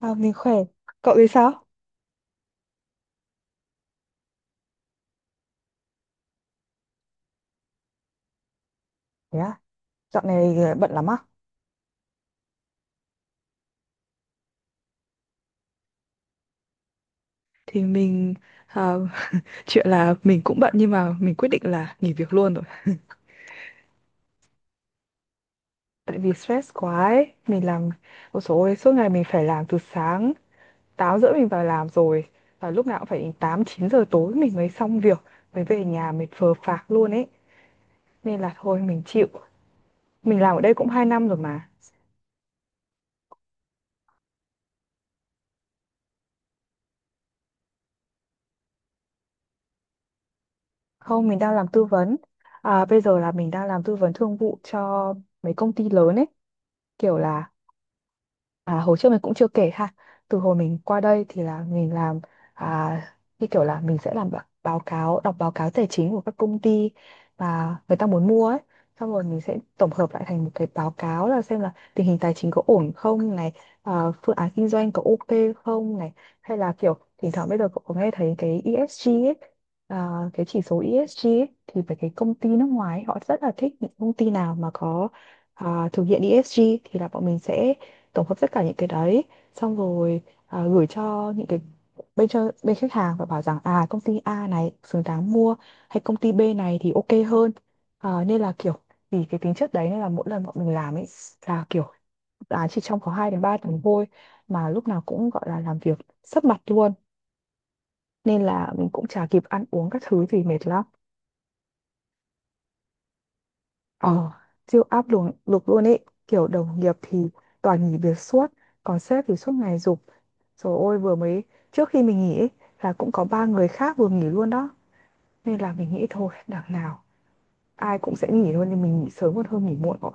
À, mình khỏe. Cậu thì sao? Thế á, dạo này bận lắm á. Thì à, chuyện là mình cũng bận nhưng mà mình quyết định là nghỉ việc luôn rồi. Tại vì stress quá ấy, mình làm một số ôi, dồi ôi, suốt ngày mình phải làm từ sáng 8h30 mình vào làm rồi, và lúc nào cũng phải đến 8 9 giờ tối mình mới xong việc, mới về nhà mệt phờ phạc luôn ấy. Nên là thôi mình chịu. Mình làm ở đây cũng 2 năm rồi mà. Không, mình đang làm tư vấn. À, bây giờ là mình đang làm tư vấn thương vụ cho mấy công ty lớn ấy, kiểu là à, hồi trước mình cũng chưa kể ha. Từ hồi mình qua đây thì là mình làm như kiểu là mình sẽ làm báo cáo, đọc báo cáo tài chính của các công ty mà người ta muốn mua ấy. Xong rồi mình sẽ tổng hợp lại thành một cái báo cáo là xem là tình hình tài chính có ổn không này, phương án kinh doanh có ok không này, hay là kiểu thỉnh thoảng bây giờ cậu có nghe thấy cái ESG ấy, à, cái chỉ số ESG ấy, thì phải cái công ty nước ngoài ấy, họ rất là thích những công ty nào mà có thực hiện ESG thì là bọn mình sẽ tổng hợp tất cả những cái đấy, xong rồi gửi cho những cái bên cho bên khách hàng và bảo rằng công ty A này xứng đáng mua hay công ty B này thì ok hơn. Nên là kiểu vì cái tính chất đấy nên là mỗi lần bọn mình làm ấy là kiểu chỉ trong có 2 đến 3 tuần thôi mà lúc nào cũng gọi là làm việc sấp mặt luôn, nên là mình cũng chả kịp ăn uống các thứ gì, mệt lắm. ờ siêu áp lực lực luôn ấy, kiểu đồng nghiệp thì toàn nghỉ việc suốt, còn sếp thì suốt ngày giục. Rồi ôi, vừa mới trước khi mình nghỉ ấy, là cũng có 3 người khác vừa nghỉ luôn đó, nên là mình nghĩ thôi đằng nào ai cũng sẽ nghỉ luôn nên mình nghỉ sớm còn hơn nghỉ muộn có.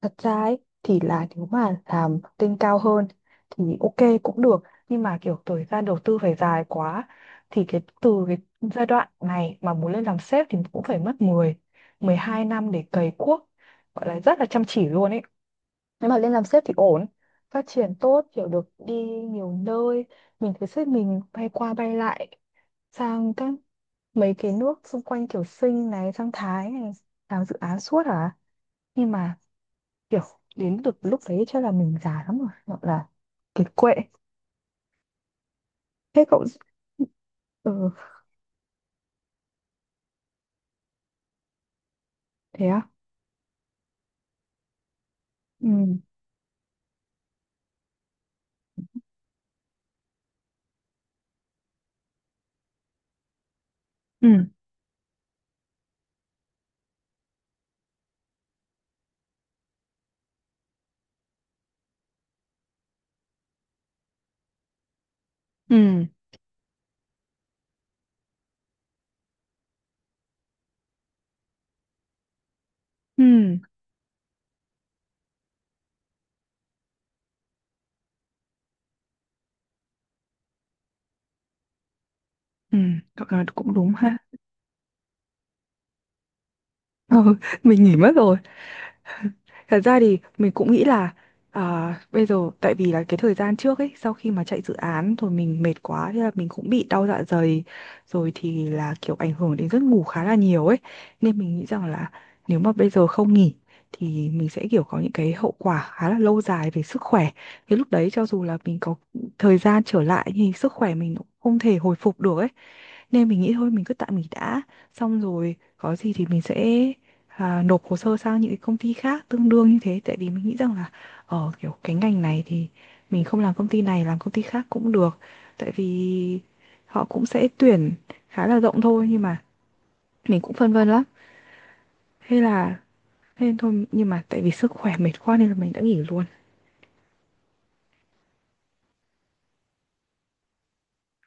Thật ra ấy, thì là nếu mà làm tên cao hơn thì ok cũng được, nhưng mà kiểu thời gian đầu tư phải dài quá. Thì cái từ cái giai đoạn này mà muốn lên làm sếp thì cũng phải mất mười, mười hai năm để cày cuốc, gọi là rất là chăm chỉ luôn ấy. Nếu mà lên làm sếp thì ổn, phát triển tốt, kiểu được đi nhiều nơi. Mình thấy sếp mình bay qua bay lại sang mấy cái nước xung quanh, kiểu Sinh này sang Thái này, làm dự án suốt à. Nhưng mà kiểu đến được lúc đấy chắc là mình già lắm rồi, gọi là kiệt quệ. Thế cậu? Ừ. Thế á? Ừ, ừ, ừ, ừ, ừ. Cậu nói cũng đúng ha. Ừ, mình nghỉ mất rồi. Thật ra thì mình cũng nghĩ là bây giờ tại vì là cái thời gian trước ấy, sau khi mà chạy dự án rồi mình mệt quá, thế là mình cũng bị đau dạ dày, rồi thì là kiểu ảnh hưởng đến giấc ngủ khá là nhiều ấy. Nên mình nghĩ rằng là nếu mà bây giờ không nghỉ thì mình sẽ kiểu có những cái hậu quả khá là lâu dài về sức khỏe, thì lúc đấy cho dù là mình có thời gian trở lại thì sức khỏe mình cũng không thể hồi phục được ấy. Nên mình nghĩ thôi mình cứ tạm nghỉ đã, xong rồi có gì thì mình sẽ nộp hồ sơ sang những cái công ty khác tương đương như thế. Tại vì mình nghĩ rằng là ở kiểu cái ngành này thì mình không làm công ty này làm công ty khác cũng được, tại vì họ cũng sẽ tuyển khá là rộng thôi. Nhưng mà mình cũng phân vân lắm, hay là nên thôi. Nhưng mà tại vì sức khỏe mệt quá nên là mình đã nghỉ luôn.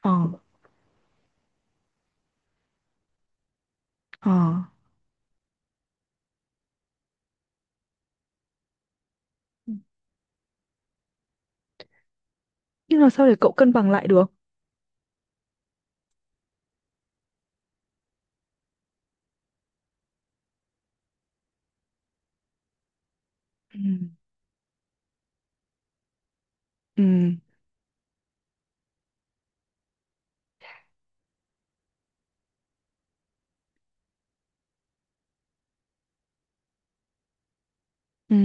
Ờ. Ờ. Ừ. Nhưng làm sao để cậu cân bằng lại được? Ừ, ừ, ừ,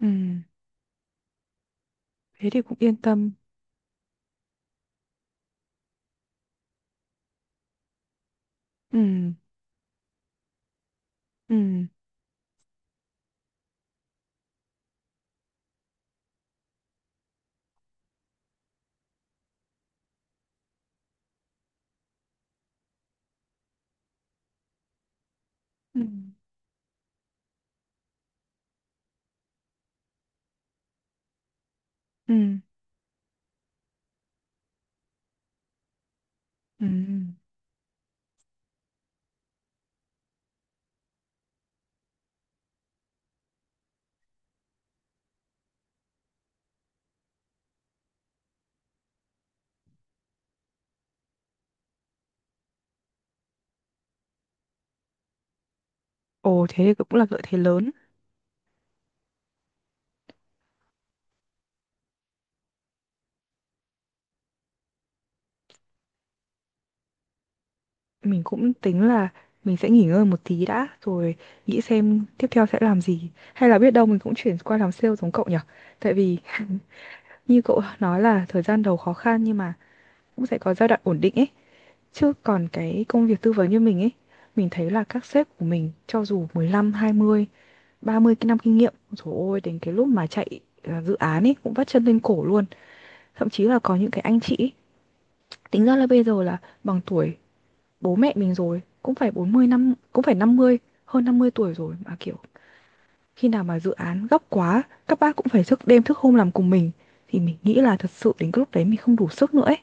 ừ. Thế thì cũng yên tâm. Ừ, ừ, ừ, ừ, ừ. Ừ. Ồ, thế thì cũng là lợi thế lớn. Mình cũng tính là mình sẽ nghỉ ngơi một tí đã, rồi nghĩ xem tiếp theo sẽ làm gì. Hay là biết đâu mình cũng chuyển qua làm sale giống cậu nhỉ? Tại vì như cậu nói là thời gian đầu khó khăn nhưng mà cũng sẽ có giai đoạn ổn định ấy. Chứ còn cái công việc tư vấn như mình ấy, mình thấy là các sếp của mình cho dù 15, 20, 30 cái năm kinh nghiệm, trời ơi, đến cái lúc mà chạy dự án ấy cũng vắt chân lên cổ luôn. Thậm chí là có những cái anh chị ấy, tính ra là bây giờ là bằng tuổi bố mẹ mình rồi, cũng phải 40 năm, cũng phải 50, hơn 50 tuổi rồi mà, kiểu, khi nào mà dự án gấp quá, các bác cũng phải thức đêm thức hôm làm cùng mình, thì mình nghĩ là thật sự đến cái lúc đấy mình không đủ sức nữa ấy.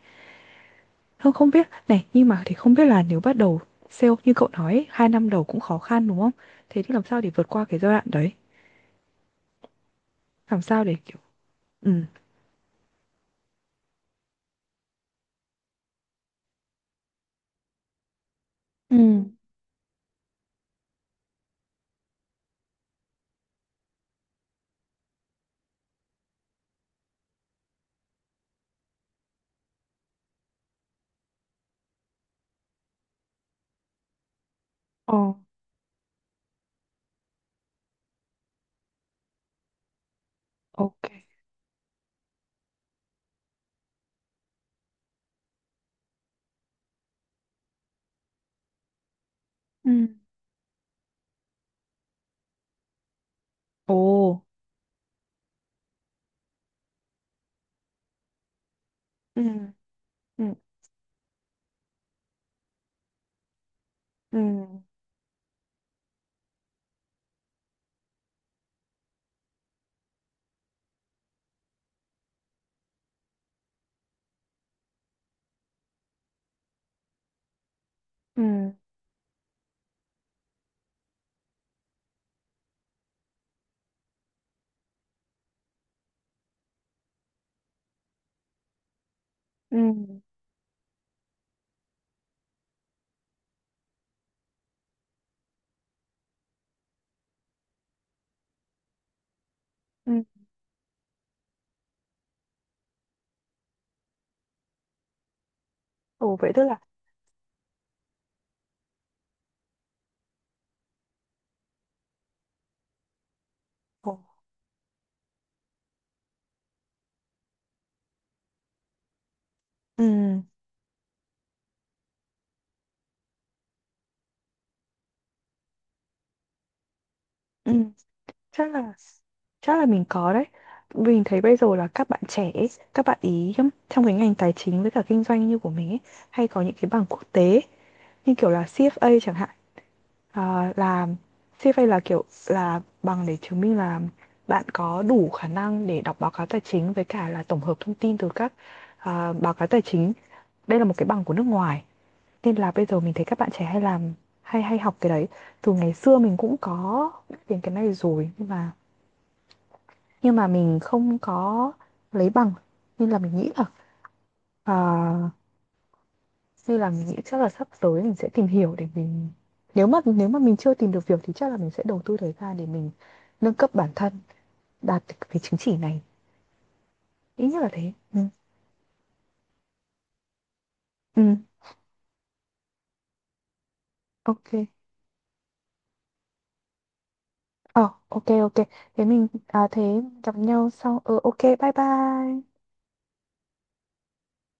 Thôi không biết này, nhưng mà thì không biết là nếu bắt đầu sale như cậu nói ấy, 2 năm đầu cũng khó khăn, đúng không? Thế thì làm sao để vượt qua cái giai đoạn đấy? Làm sao để kiểu ừm. Ừ. Ờ, ok. Ừ. Ồ. Ừ. Ừ. Ừ. Ừ. Ừ. Ừ. Ồ, vậy tức là. Ồ. Ừ. Ừ. chắc là chắc là mình có đấy. Mình thấy bây giờ là các bạn trẻ ấy, các bạn ý trong trong cái ngành tài chính với cả kinh doanh như của mình ấy, hay có những cái bằng quốc tế, như kiểu là CFA chẳng hạn. À, là CFA là kiểu là bằng để chứng minh là bạn có đủ khả năng để đọc báo cáo tài chính với cả là tổng hợp thông tin từ các báo cáo tài chính. Đây là một cái bằng của nước ngoài nên là bây giờ mình thấy các bạn trẻ hay làm, hay hay học cái đấy. Từ ngày xưa mình cũng có biết đến cái này rồi, nhưng mà mình không có lấy bằng. Nên là mình nghĩ là à, như là mình nghĩ chắc là sắp tới mình sẽ tìm hiểu để mình, nếu mà mình chưa tìm được việc thì chắc là mình sẽ đầu tư thời gian để mình nâng cấp bản thân, đạt được cái chứng chỉ này, ít nhất là thế. Ừ, ừ, ok. Ờ, ok, ok. Thế mình thế gặp nhau sau. Ờ, ok, bye bye.